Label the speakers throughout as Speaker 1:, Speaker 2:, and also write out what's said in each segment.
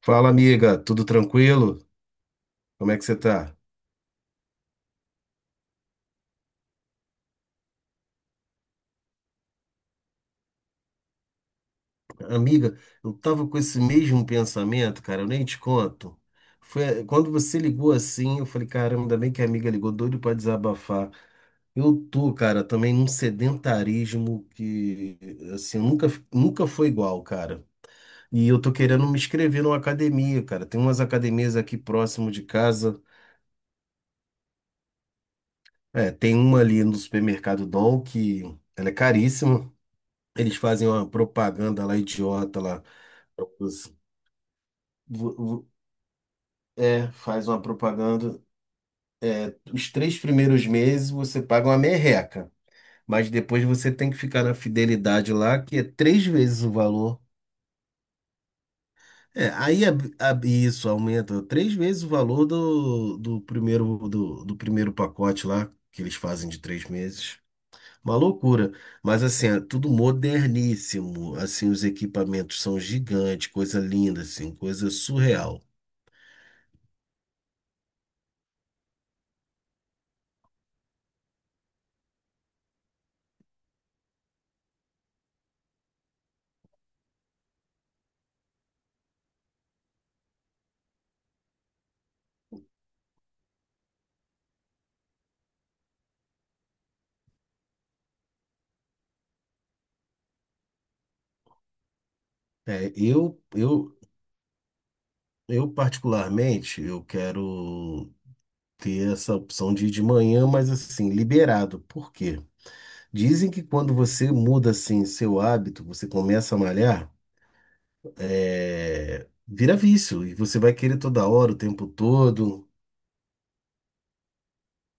Speaker 1: Fala, amiga, tudo tranquilo? Como é que você tá? Amiga, eu tava com esse mesmo pensamento, cara, eu nem te conto. Foi quando você ligou assim, eu falei, caramba, ainda bem que a amiga ligou, doido pra desabafar. Eu tô, cara, também num sedentarismo que, assim, nunca foi igual, cara. E eu tô querendo me inscrever numa academia, cara. Tem umas academias aqui próximo de casa. É, tem uma ali no supermercado Dom que ela é caríssima. Eles fazem uma propaganda lá, idiota lá. Os- vo- vo- É, faz uma propaganda. Os três primeiros meses você paga uma merreca, mas depois você tem que ficar na fidelidade lá, que é três vezes o valor. É, isso aumenta três vezes o valor do primeiro, do primeiro pacote lá, que eles fazem de 3 meses. Uma loucura. Mas assim, é tudo moderníssimo. Assim, os equipamentos são gigantes, coisa linda, assim, coisa surreal. É, eu, eu, eu particularmente, eu quero ter essa opção de ir de manhã, mas assim, liberado. Por quê? Dizem que quando você muda assim seu hábito, você começa a malhar, é, vira vício e você vai querer toda hora, o tempo todo.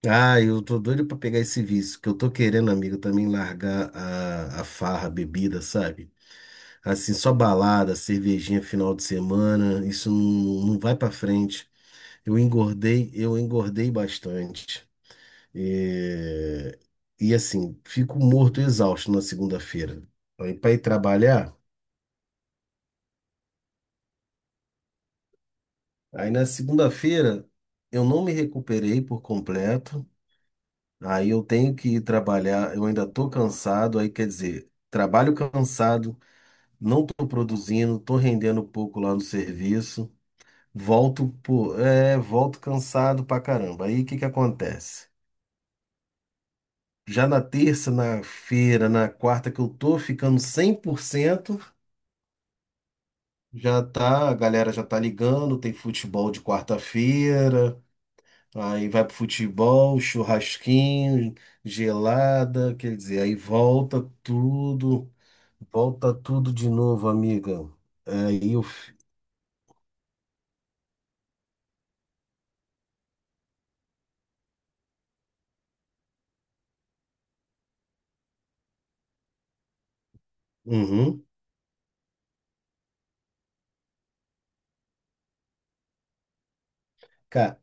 Speaker 1: Ah, eu tô doido pra pegar esse vício, que eu tô querendo, amigo, também largar a farra, a bebida, sabe? Assim, só balada, cervejinha final de semana, isso não, não vai pra frente. Eu engordei bastante. É, e assim, fico morto e exausto na segunda-feira. Aí para ir trabalhar, aí na segunda-feira eu não me recuperei por completo. Aí eu tenho que ir trabalhar, eu ainda tô cansado, aí quer dizer, trabalho cansado, não tô produzindo, tô rendendo pouco lá no serviço. Volto, pô, é, volto cansado pra caramba. Aí o que que acontece? Já na terça, na feira, na quarta que eu tô ficando 100%, já tá, a galera já tá ligando, tem futebol de quarta-feira, aí vai pro futebol, churrasquinho, gelada, quer dizer, aí volta tudo de novo, amiga. Aí eu, f- uhum. Cara,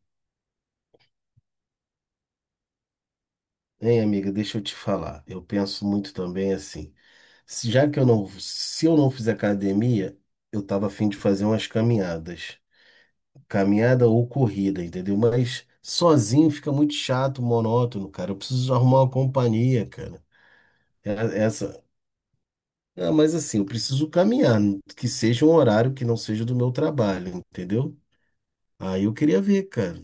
Speaker 1: hein, amiga, deixa eu te falar. Eu penso muito também assim, se- já que eu não, se eu não fizer academia, eu tava afim de fazer umas caminhadas. Caminhada ou corrida, entendeu? Mas sozinho fica muito chato, monótono, cara. Eu preciso arrumar uma companhia, cara. É- Essa. Ah, mas assim, eu preciso caminhar, que seja um horário que não seja do meu trabalho, entendeu? Aí eu queria ver, cara.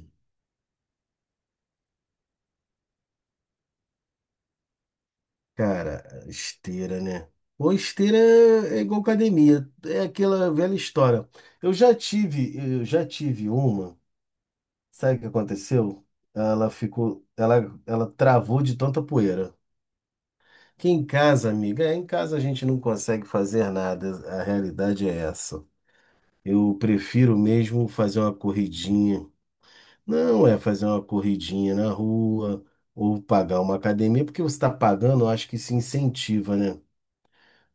Speaker 1: Cara, esteira, né? Ou esteira é igual academia, é aquela velha história. Eu já tive uma, sabe o que aconteceu? Ela travou de tanta poeira. Que em casa, amiga, é, em casa a gente não consegue fazer nada, a realidade é essa. Eu prefiro mesmo fazer uma corridinha. Não é fazer uma corridinha na rua ou pagar uma academia, porque você está pagando, eu acho que se incentiva, né?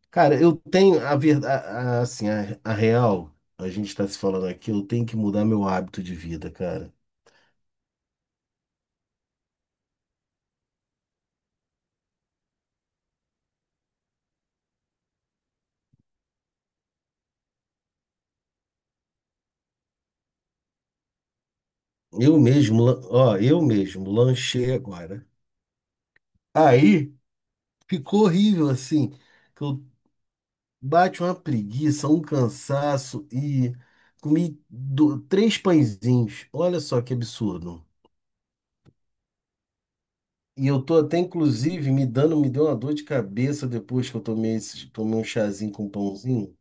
Speaker 1: Cara, eu tenho a verdade, assim, a real, a gente está se falando aqui, eu tenho que mudar meu hábito de vida, cara. Ó, eu mesmo lanchei agora. Aí ficou horrível assim. Bate uma preguiça, um cansaço e comi três pãezinhos. Olha só que absurdo. E eu tô até, inclusive, me deu uma dor de cabeça depois que eu tomei, esse, tomei um chazinho com pãozinho.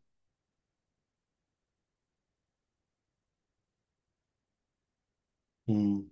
Speaker 1: Hum.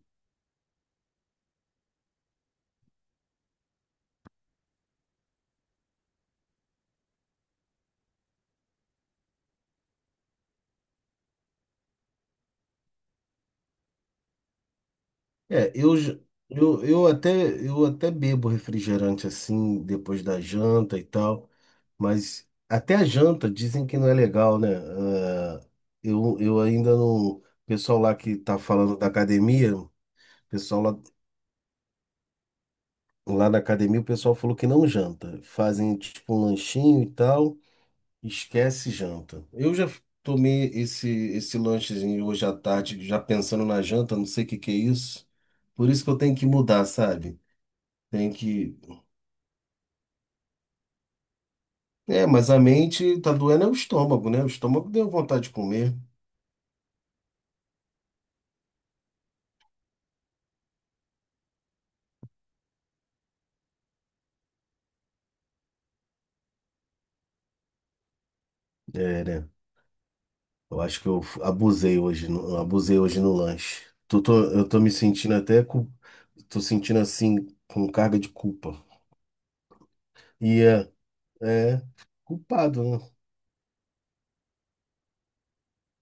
Speaker 1: É, eu, j- eu, eu até, eu até bebo refrigerante assim, depois da janta e tal, mas até a janta dizem que não é legal, né? Ah, eu ainda não. O pessoal lá que tá falando da academia. O pessoal lá Lá na academia o pessoal falou que não janta. Fazem tipo um lanchinho e tal, esquece janta. Eu já tomei esse lanchezinho hoje à tarde, já pensando na janta, não sei o que que é isso. Por isso que eu tenho que mudar, sabe? Tem que. É, mas a mente tá doendo é o estômago, né? O estômago deu vontade de comer. É, né? Eu acho que eu abusei hoje, abusei hoje no lanche. Eu tô me sentindo até com, tô sentindo assim com carga de culpa. E É, culpado, né?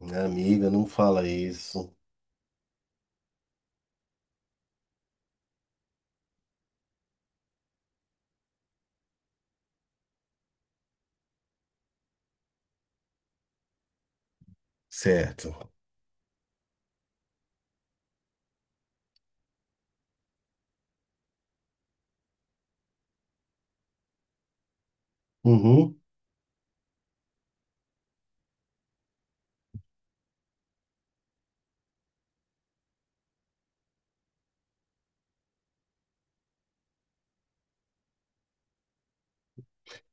Speaker 1: Minha amiga, não fala isso. Certo. Uhum.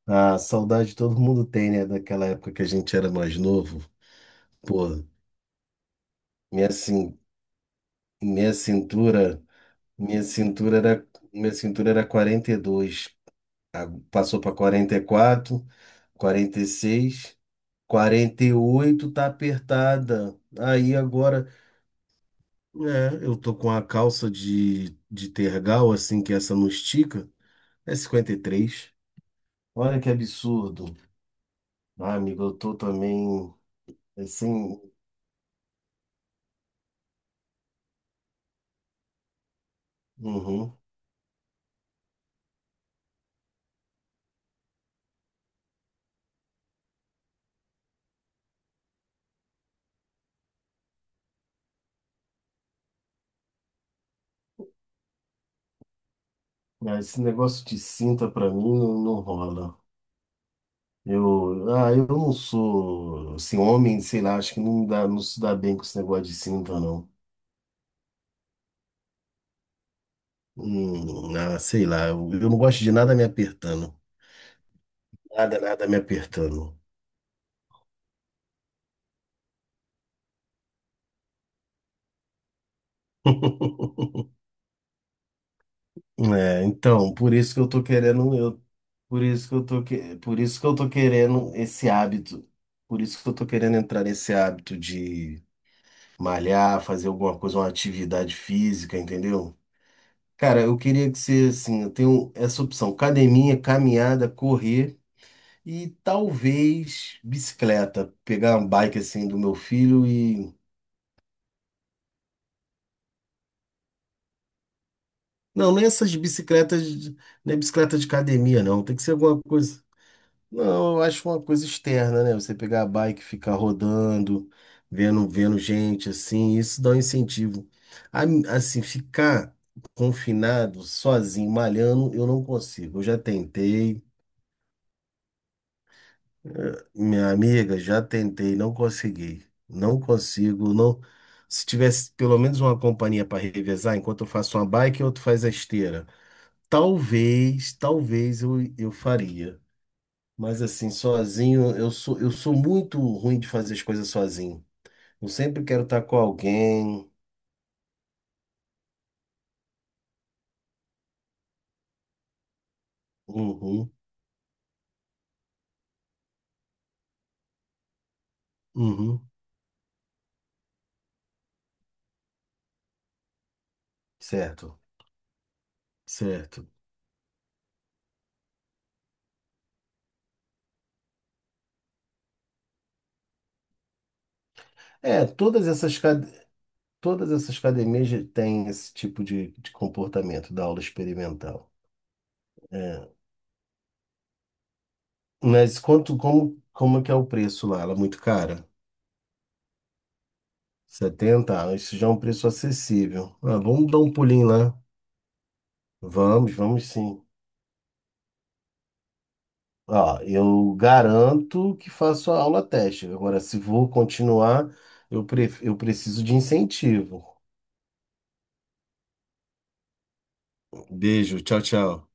Speaker 1: A saudade todo mundo tem, né? Daquela época que a gente era mais novo. Pô, minha, cin minha cintura, minha cintura era 42, passou para quarenta e quatro, 46, 48 tá apertada. Aí agora, é, eu tô com a calça de tergal, assim, que essa não estica, é 53. Olha que absurdo. Ah, amigo, eu tô também é, sem. Uhum. Ah, esse negócio de cinta pra mim não, não rola. Eu não sou assim, homem, sei lá, acho que não dá, não se dá bem com esse negócio de cinta, não. Ah, sei lá, eu não gosto de nada me apertando. Nada, nada me apertando. É, então, por isso que por isso que eu tô querendo esse hábito. Por isso que eu tô querendo entrar nesse hábito de malhar, fazer alguma coisa, uma atividade física, entendeu? Cara, eu queria que você, assim, eu tenho essa opção: academia, caminhada, correr e talvez bicicleta. Pegar uma bike assim do meu filho e. Não, não é essas bicicletas, de- não é bicicleta de academia, não. Tem que ser alguma coisa. Não, eu acho uma coisa externa, né? Você pegar a bike e ficar rodando, vendo gente assim, isso dá um incentivo. A- Assim, ficar confinado, sozinho, malhando, eu não consigo. Eu já tentei, minha amiga, já tentei, não consegui. Não consigo, não. Se tivesse pelo menos uma companhia para revezar, enquanto eu faço uma bike, o outro faz a esteira. Talvez eu faria. Mas assim, sozinho, eu sou muito ruim de fazer as coisas sozinho. Eu sempre quero estar com alguém. Uhum, uhum. Certo, certo. É, todas essas academias já têm esse tipo de comportamento da aula experimental. É. Mas quanto, como é que é o preço lá? Ela é muito cara? 70. Ah, isso já é um preço acessível. Ah, vamos dar um pulinho lá. Vamos, vamos sim. Ó, eu garanto que faço a aula teste. Agora, se vou continuar, eu preciso de incentivo. Beijo, tchau, tchau.